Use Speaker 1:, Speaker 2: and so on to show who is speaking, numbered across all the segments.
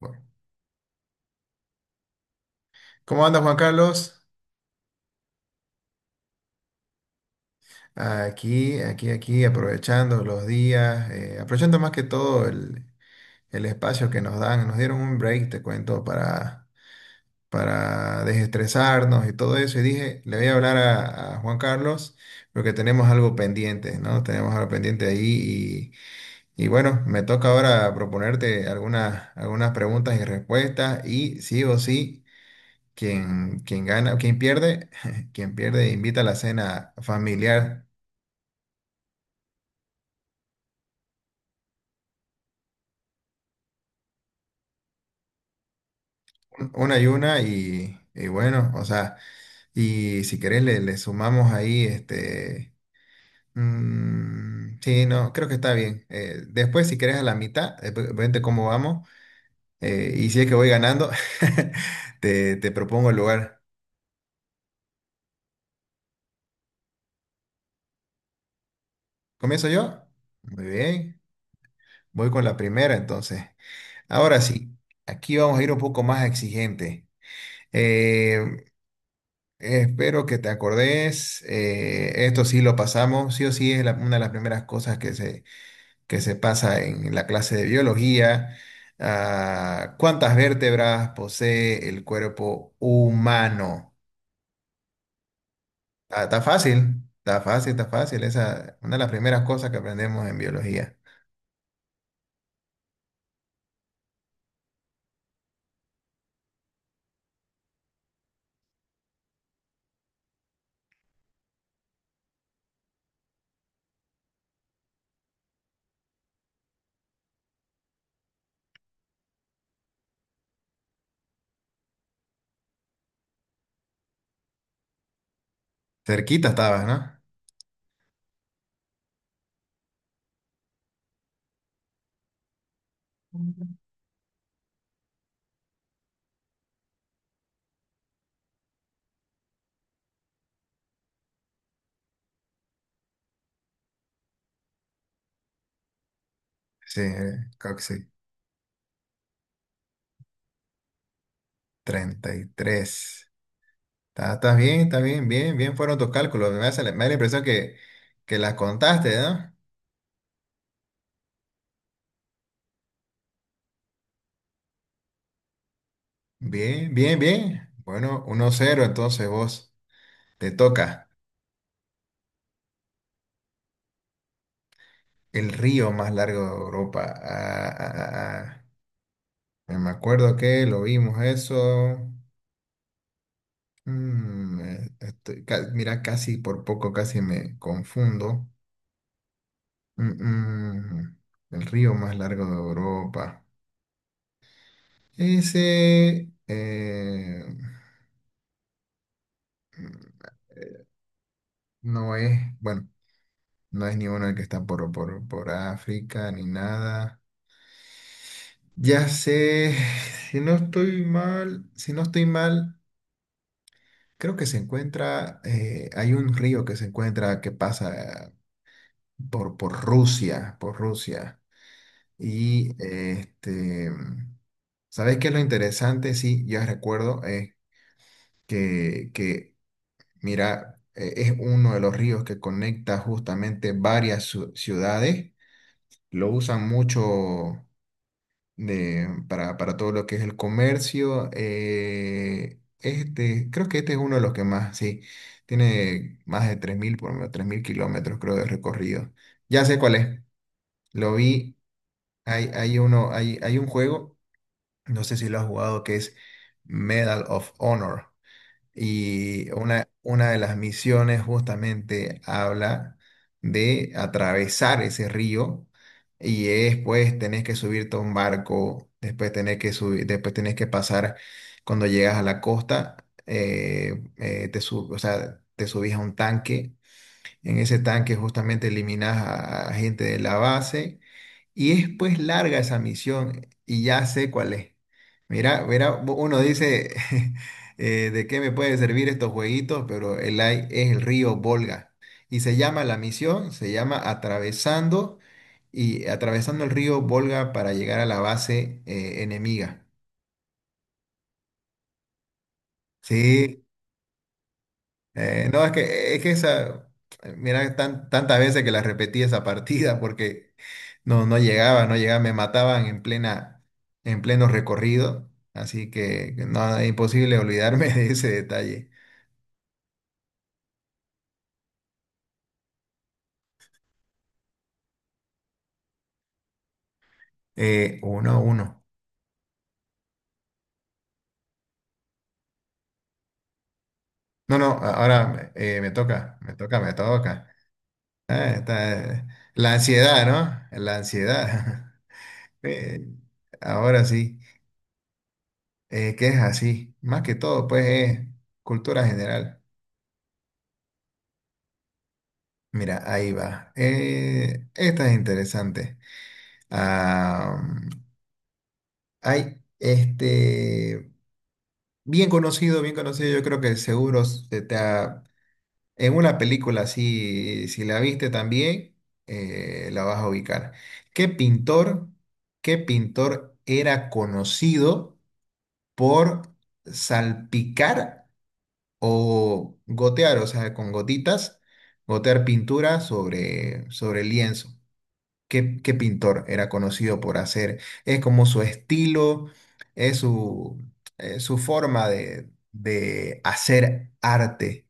Speaker 1: Bueno, ¿cómo anda Juan Carlos? Aquí, aprovechando los días, aprovechando más que todo el espacio que nos dan. Nos dieron un break, te cuento, para desestresarnos y todo eso. Y dije, le voy a hablar a Juan Carlos porque tenemos algo pendiente, ¿no? Tenemos algo pendiente ahí y bueno, me toca ahora proponerte algunas preguntas y respuestas y sí o sí. Quien gana, quien pierde, quien pierde invita a la cena familiar. Una y una, y bueno, o sea, y si querés le sumamos ahí, sí, no, creo que está bien. Después, si querés a la mitad, vente cómo vamos, y si es que voy ganando, te propongo el lugar. ¿Comienzo yo? Muy bien, voy con la primera entonces. Ahora sí, aquí vamos a ir un poco más exigente. Eh, Espero que te acordes. Esto sí lo pasamos. Sí o sí es una de las primeras cosas que se pasa en la clase de biología. Ah, ¿cuántas vértebras posee el cuerpo humano? Ah, está fácil, está fácil, está fácil. Esa es una de las primeras cosas que aprendemos en biología. Cerquita estabas, ¿no? Sí, creo que sí. 33. Estás bien, está bien, bien, bien fueron tus cálculos. Me da la impresión que las contaste, ¿no? Bien, bien, bien. Bueno, 1-0. Entonces vos, te toca. El río más largo de Europa. Ah, ah, ah, ah. Me acuerdo que lo vimos eso. Estoy mira, casi por poco, casi me confundo. Mm, mm, el río más largo de Europa. Ese no es, bueno, no es ni uno el que está por África ni nada. Ya sé, si no estoy mal, si no estoy mal, creo que se encuentra, hay un río que se encuentra que pasa por Rusia, por Rusia. Y ¿sabes qué es lo interesante? Sí, ya recuerdo, es que, mira, es uno de los ríos que conecta justamente varias ciudades. Lo usan mucho para todo lo que es el comercio. Creo que este es uno de los que más, sí, tiene más de 3.000, por lo menos 3.000 kilómetros, creo, de recorrido. Ya sé cuál es, lo vi, hay uno, hay un juego, no sé si lo has jugado, que es Medal of Honor. Y una de las misiones justamente habla de atravesar ese río, y es pues tenés que subirte a un barco, después tenés que subir, después tenés que pasar cuando llegas a la costa, o sea, te subís a un tanque. En ese tanque justamente eliminás a gente de la base, y es pues larga esa misión y ya sé cuál es. Mira, mira, uno dice, ¿de qué me puede servir estos jueguitos? Pero el AI es el río Volga. Y se llama la misión, se llama Atravesando, y atravesando el río Volga para llegar a la base enemiga. Sí, no, es que esa, mira, tantas veces que la repetí esa partida, porque no llegaba, no llegaba, me mataban en plena, en pleno recorrido, así que no, es imposible olvidarme de ese detalle. 1-1. No, no, ahora me toca, me toca, me toca. Ah, la ansiedad, ¿no? La ansiedad. Eh, Ahora sí, que es así, más que todo, pues es cultura general. Mira, ahí va. Esta es interesante. Ah, hay este bien conocido, yo creo que seguro en una película así, si la viste también, la vas a ubicar. ¿Qué pintor, qué pintor era conocido por salpicar o gotear, o sea, con gotitas, gotear pintura sobre el lienzo? Qué pintor era conocido por hacer? Es como su estilo, es su, su forma de hacer arte.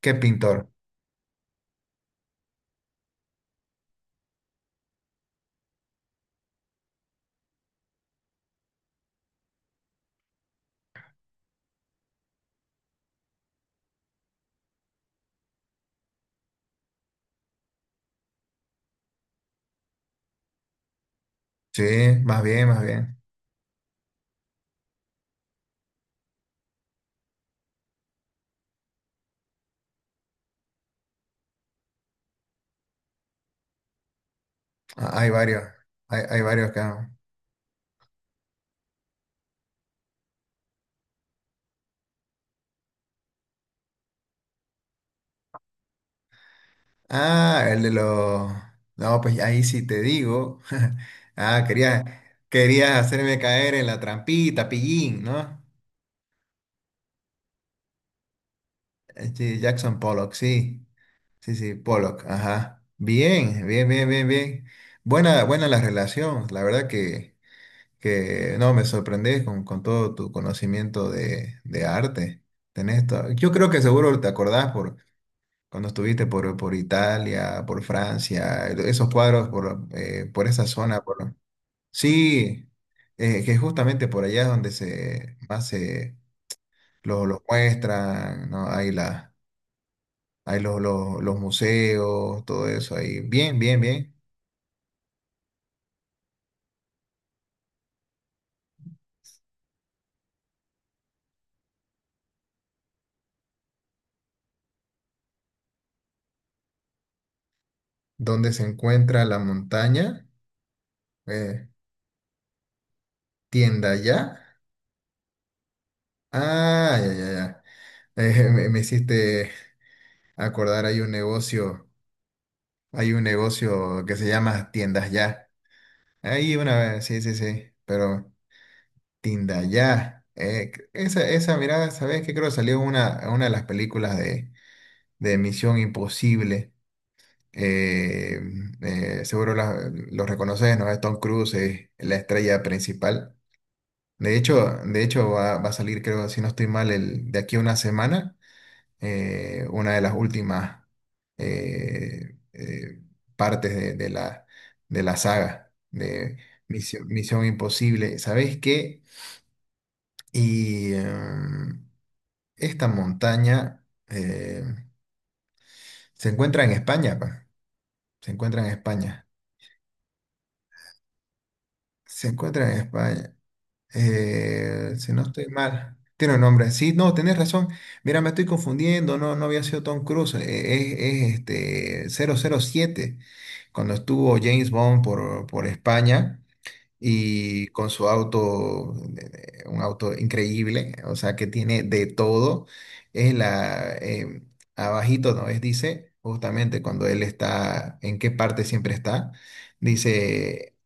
Speaker 1: ¿Qué pintor? Sí, más bien, más bien. Ah, hay varios, hay varios acá. Ah, el de los. No, pues ahí sí te digo. Ah, querías, hacerme caer en la trampita, pillín, ¿no? Sí, Jackson Pollock, sí. Sí, sí, Pollock, ajá. Bien, bien, bien, bien, bien. Buena, buena la relación. La verdad que no, me sorprendes con todo tu conocimiento de arte. Yo creo que seguro te acordás por cuando estuviste por Italia, por Francia, esos cuadros por esa zona. Por. Sí, que justamente por allá es donde se más se los muestran, ¿no? Hay los museos, todo eso ahí. Bien, bien, bien. ¿Dónde se encuentra la montaña? Eh, Tienda ya. Ah, ya, ya, ya. Me hiciste acordar, hay un negocio que se llama Tiendas Ya. Ahí una vez, sí, sí, sí. Pero Tienda Ya. Esa mirada, ¿sabes qué? Creo que salió en una de las películas de Misión Imposible. eh, Seguro lo reconoces, ¿no? Tom Cruise es la estrella principal. De hecho, de hecho va a salir, creo, si no estoy mal, de aquí a una semana, una de las últimas eh, eh, partes de la saga de Misión Imposible. ¿Sabes qué? Y esta montaña se encuentra en España, pa. Se encuentra en España. Se encuentra en España. Si no estoy mal. Tiene un nombre. Sí, no, tenés razón. Mira, me estoy confundiendo. No, no había sido Tom Cruise. Es 007. Cuando estuvo James Bond por España y con su auto, un auto increíble, o sea, que tiene de todo. Es la, eh, Abajito, ¿no? Dice, justamente cuando él está, en qué parte siempre está. Dice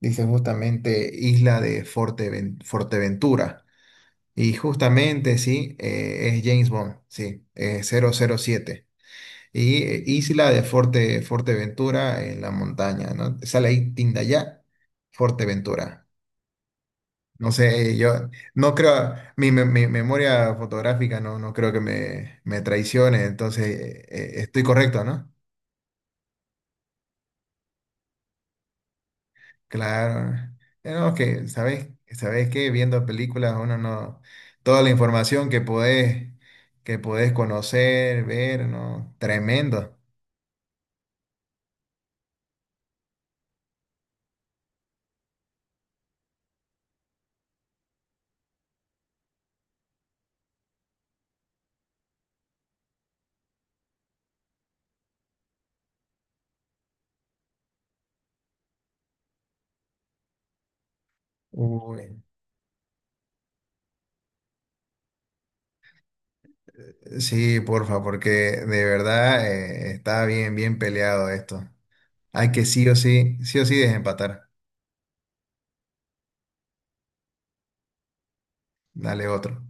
Speaker 1: Dice justamente Isla de Forteventura. Y justamente, sí, es James Bond, sí, 007. Y Isla de Forteventura en la montaña, ¿no? Sale ahí Tindaya, Forteventura. No sé, yo no creo, mi memoria fotográfica no creo que me traicione, entonces estoy correcto, ¿no? Claro. No, sabes que viendo películas, uno no, toda la información que podés, conocer, ver, ¿no? Tremendo. Uy. Sí, porfa, porque de verdad está bien, bien peleado esto. Hay que sí o sí desempatar. Dale otro.